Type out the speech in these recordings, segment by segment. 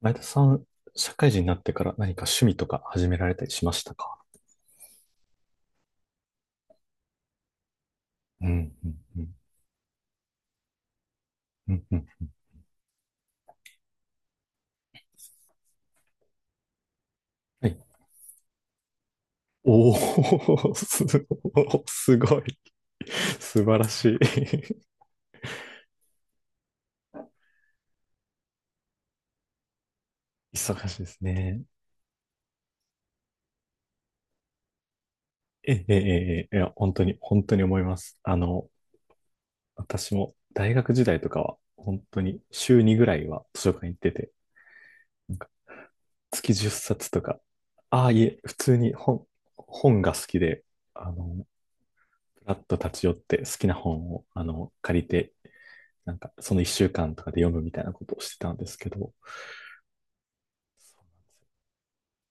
前田さん、社会人になってから何か趣味とか始められたりしましたか？うん、うん、うん、うん、うん。はい。おー、すごい。素晴らしい。忙しいですね。え、え、え、え、ええ、いや、本当に、本当に思います。あの、私も大学時代とかは、本当に週2ぐらいは図書館行ってて、なんか月10冊とか、ああ、いえ、普通に本、本が好きで、あの、ふらっと立ち寄って好きな本を、あの、借りてなんかその一週間とかで読むみたいなことをしてたんですけど、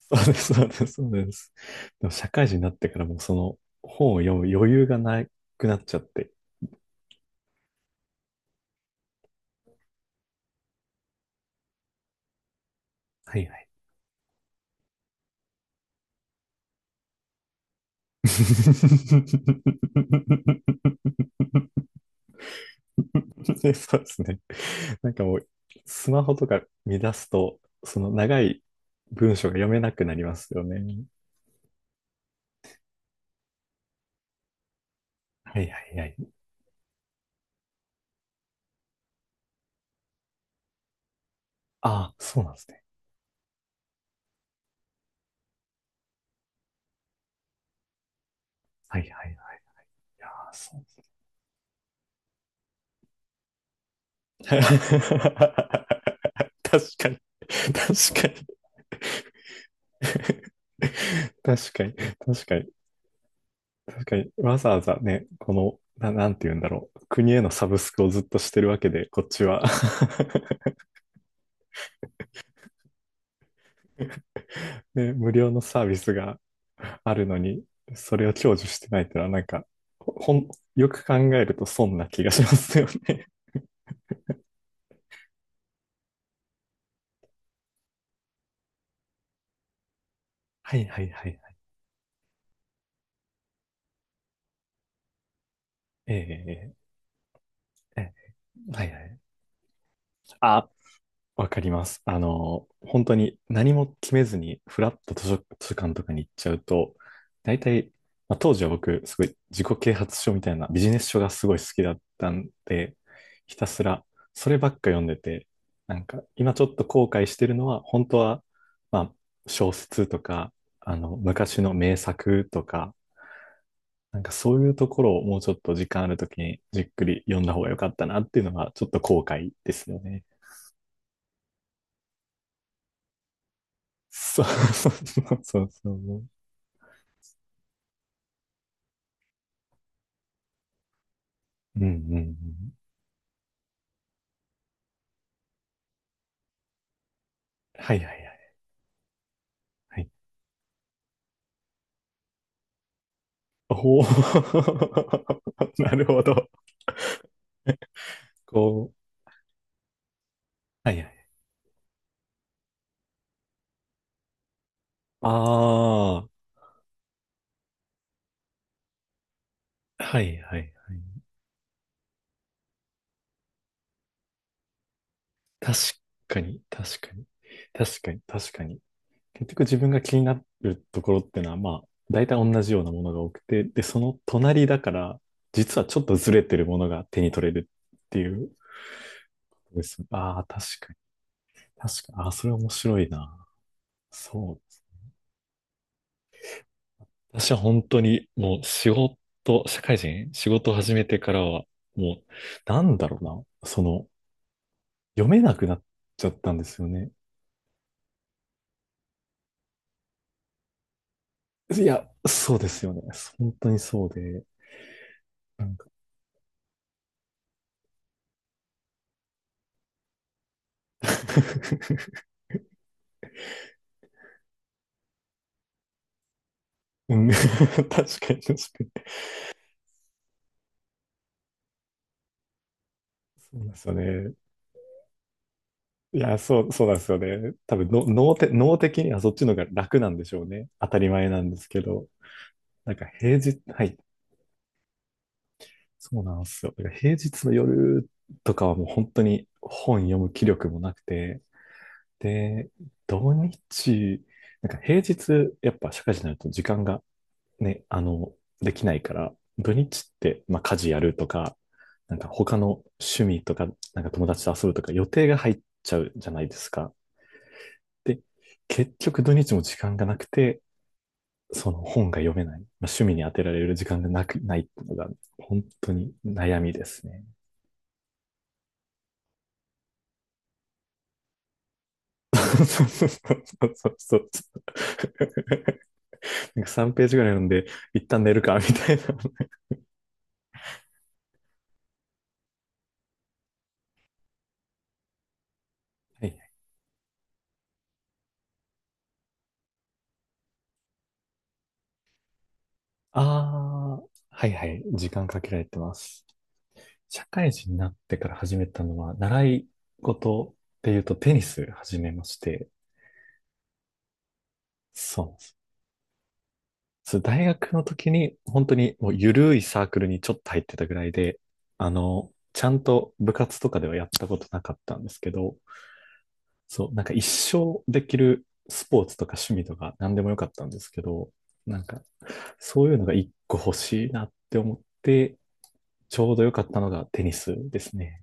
そうです、そうです、そうです。でも社会人になってからもうその本を読む余裕がなくなっちゃって。はいはい。で、そうですね。なんかもう、スマホとか見出すと、その長い文章が読めなくなりますよね。はいはいはい。ああ、そうなんですね。はいはいはい。いやー、そうですね。確かに。確かに。確かに。確かに。確かに。わざわざね、この、な、なんて言うんだろう。国へのサブスクをずっとしてるわけで、こっちは。ね、無料のサービスがあるのに、それを享受してないってのは、なんか、ほほん、よく考えると損な気がしますよね。はいはいはいはい。ええええええ、はいはい。あ、わかります。あの、本当に何も決めずに、フラッと図書、図書館とかに行っちゃうと、大体、まあ、当時は僕、すごい自己啓発書みたいなビジネス書がすごい好きだったんで、ひたすらそればっか読んでて、なんか今ちょっと後悔してるのは、本当は、まあ、小説とか、あの、昔の名作とか、なんかそういうところをもうちょっと時間あるときにじっくり読んだ方が良かったなっていうのが、ちょっと後悔ですよね。そうそうそうそうそう。うんうんうん。はいはいはい。はい。おー、 なるほど。こう。はいはい。ああ、はいはいはい。確かに、確かに。確かに、確かに。結局自分が気になるところってのは、まあ、大体同じようなものが多くて、で、その隣だから、実はちょっとずれてるものが手に取れるっていうことです。ああ、確かに。確かに。ああ、それ面白いな。そう、私は本当にもう仕事、社会人、仕事を始めてからは、もう、なんだろうな、その、読めなくなっちゃったんですよね。いや、そうですよね。本当にそうで、なんか うん、 確かに確かに。そうなんですよね。いや、そう、そうなんですよね。多分の、脳て、脳的にはそっちの方が楽なんでしょうね。当たり前なんですけど。なんか平日、はい。そうなんですよ。だから平日の夜とかはもう本当に本読む気力もなくて、で、土日、なんか平日、やっぱ社会人になると時間がね、あの、できないから、土日って、まあ家事やるとか、なんか他の趣味とか、なんか友達と遊ぶとか予定が入っちゃうじゃないですか。で、結局土日も時間がなくて、その本が読めない、まあ、趣味に当てられる時間がなく、ないっていうのが本当に悩みですね。そうそうそうそうそう、なんか3ページぐらい読んで、一旦寝るか、みたいな。はい、ああ、はいはい。時間かけられてます。社会人になってから始めたのは、習い事っていうとテニス始めまして、そうなんです。そう、大学の時に、本当にもう緩いサークルにちょっと入ってたぐらいで、あの、ちゃんと部活とかではやったことなかったんですけど、そう、なんか一生できるスポーツとか趣味とか何でもよかったんですけど、なんかそういうのが一個欲しいなって思って、ちょうどよかったのがテニスですね。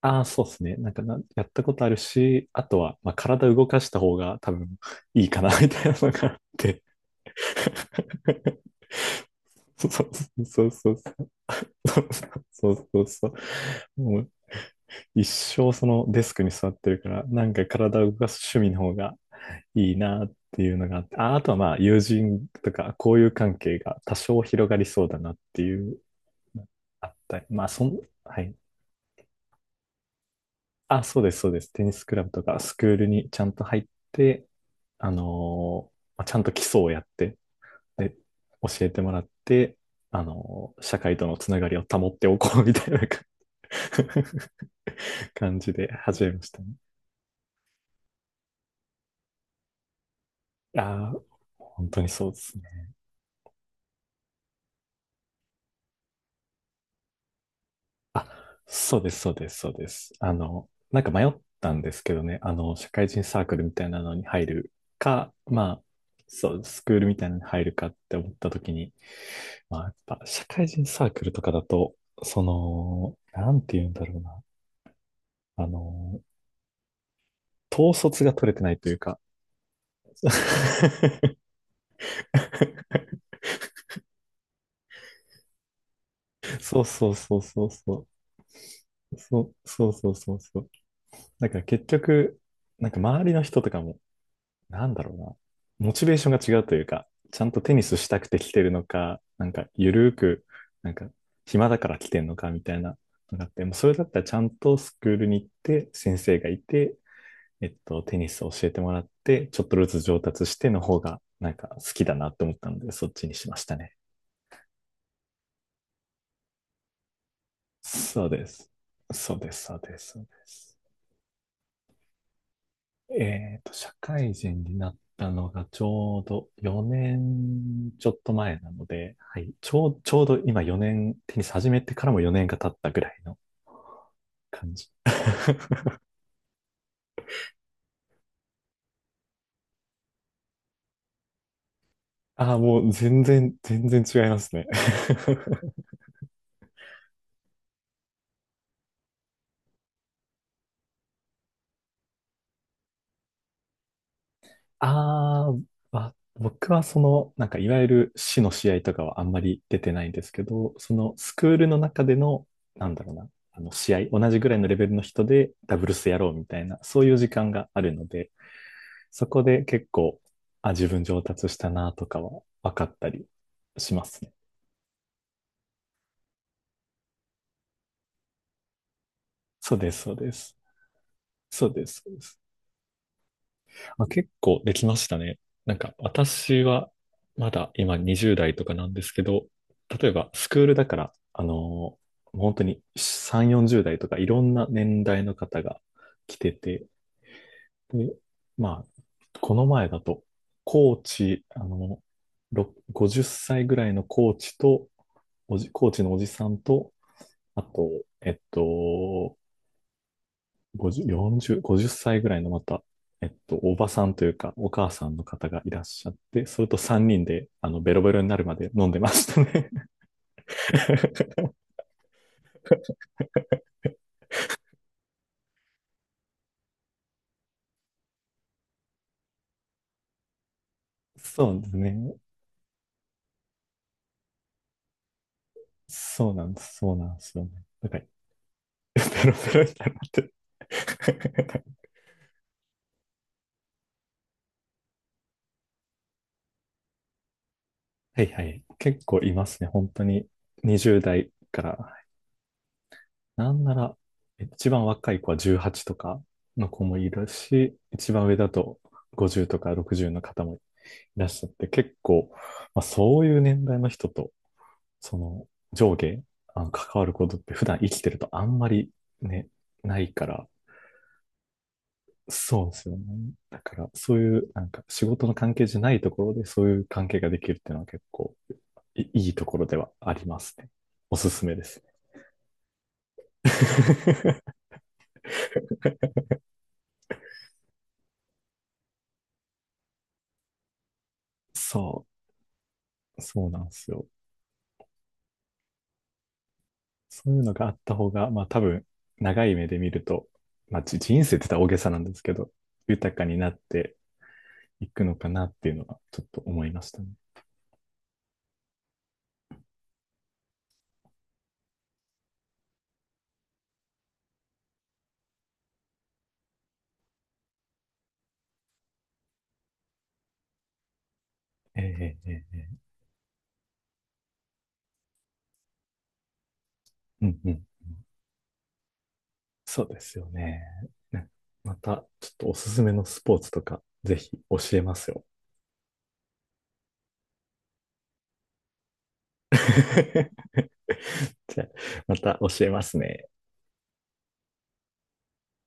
ああ、そうですね。なんかな、やったことあるし、あとは、まあ、体動かした方が多分いいかな、みたいなのがあって。そうそうそうそう。そうそうそうそう。もう一生そのデスクに座ってるから、なんか体を動かす趣味の方がいいなっていうのがあって、あ、あとはまあ友人とか交友関係が多少広がりそうだなっていうのがあったり、まあそん、はい。あ、そうです、そうです。テニスクラブとかスクールにちゃんと入って、あのー、まあちゃんと基礎をやって、で、教えてもらって、あのー、社会とのつながりを保っておこうみたいな感じ 感じで始めましたね。ああ、本当にそうですね。あ、そうです、そうです、そうです。あの、なんか迷ったんですけどね、あの、社会人サークルみたいなのに入るか、まあ、そう、スクールみたいなのに入るかって思った時に、まあ、やっぱ社会人サークルとかだと、その、なんて言うんだろうな、あの、統率が取れてないというか、そうそうそうそうそう。そうそうそうそうそう。だから結局、なんか周りの人とかもなんだろうな。モチベーションが違うというか、ちゃんとテニスしたくて来てるのか、なんかゆるーく、なんか暇だから来てんのかみたいなのがあって、もうそれだったらちゃんとスクールに行って、先生がいて、えっと、テニスを教えてもらって、ちょっとずつ上達しての方が、なんか好きだなと思ったので、そっちにしましたね。そうです。そうです、そうです、そうです。えっと、社会人になったのがちょうど4年ちょっと前なので、はい、ちょう、ちょうど今4年、テニス始めてからも4年が経ったぐらいの感じ。ああ、もう全然、全然違いますね。あー、ま僕はその、なんかいわゆる市の試合とかはあんまり出てないんですけど、そのスクールの中での、なんだろうな、あの試合、同じぐらいのレベルの人でダブルスやろうみたいな、そういう時間があるので、そこで結構、あ、自分上達したなとかは分かったりしますね。そうです、そうです。そうです、そうです。まあ、結構できましたね。なんか私はまだ今20代とかなんですけど、例えばスクールだから、あのー、もう本当に3、40代とかいろんな年代の方が来てて、で、まあ、この前だと、コーチ、あの、ろ50歳ぐらいのコーチと、おじ、コーチのおじさんと、あと、えっと、50、40、50歳ぐらいのまた、えっと、おばさんというか、お母さんの方がいらっしゃって、それと3人で、あの、ベロベロになるまで飲んでましたね。そうですね。そうなんです。そうなんですよね。なんか、ベロベロになるまで。はいはい。結構いますね。本当に。20代から。なんなら、一番若い子は18とかの子もいるし、一番上だと50とか60の方もいらっしゃって、結構、まあ、そういう年代の人と、その上下、あの関わることって普段生きてるとあんまりね、ないから、そうですよね。だから、そういう、なんか仕事の関係じゃないところでそういう関係ができるっていうのは結構いいいところではありますね。おすすめですね。そう、そうなんですよ。そういうのがあった方が、まあ多分、長い目で見ると、まあじ人生って言ったら大げさなんですけど、豊かになっていくのかなっていうのは、ちょっと思いましたね。ええええええ、うんうん。そうですよね。ね、また、ちょっとおすすめのスポーツとか、ぜひ教えますよ。じゃあ、また教えますね。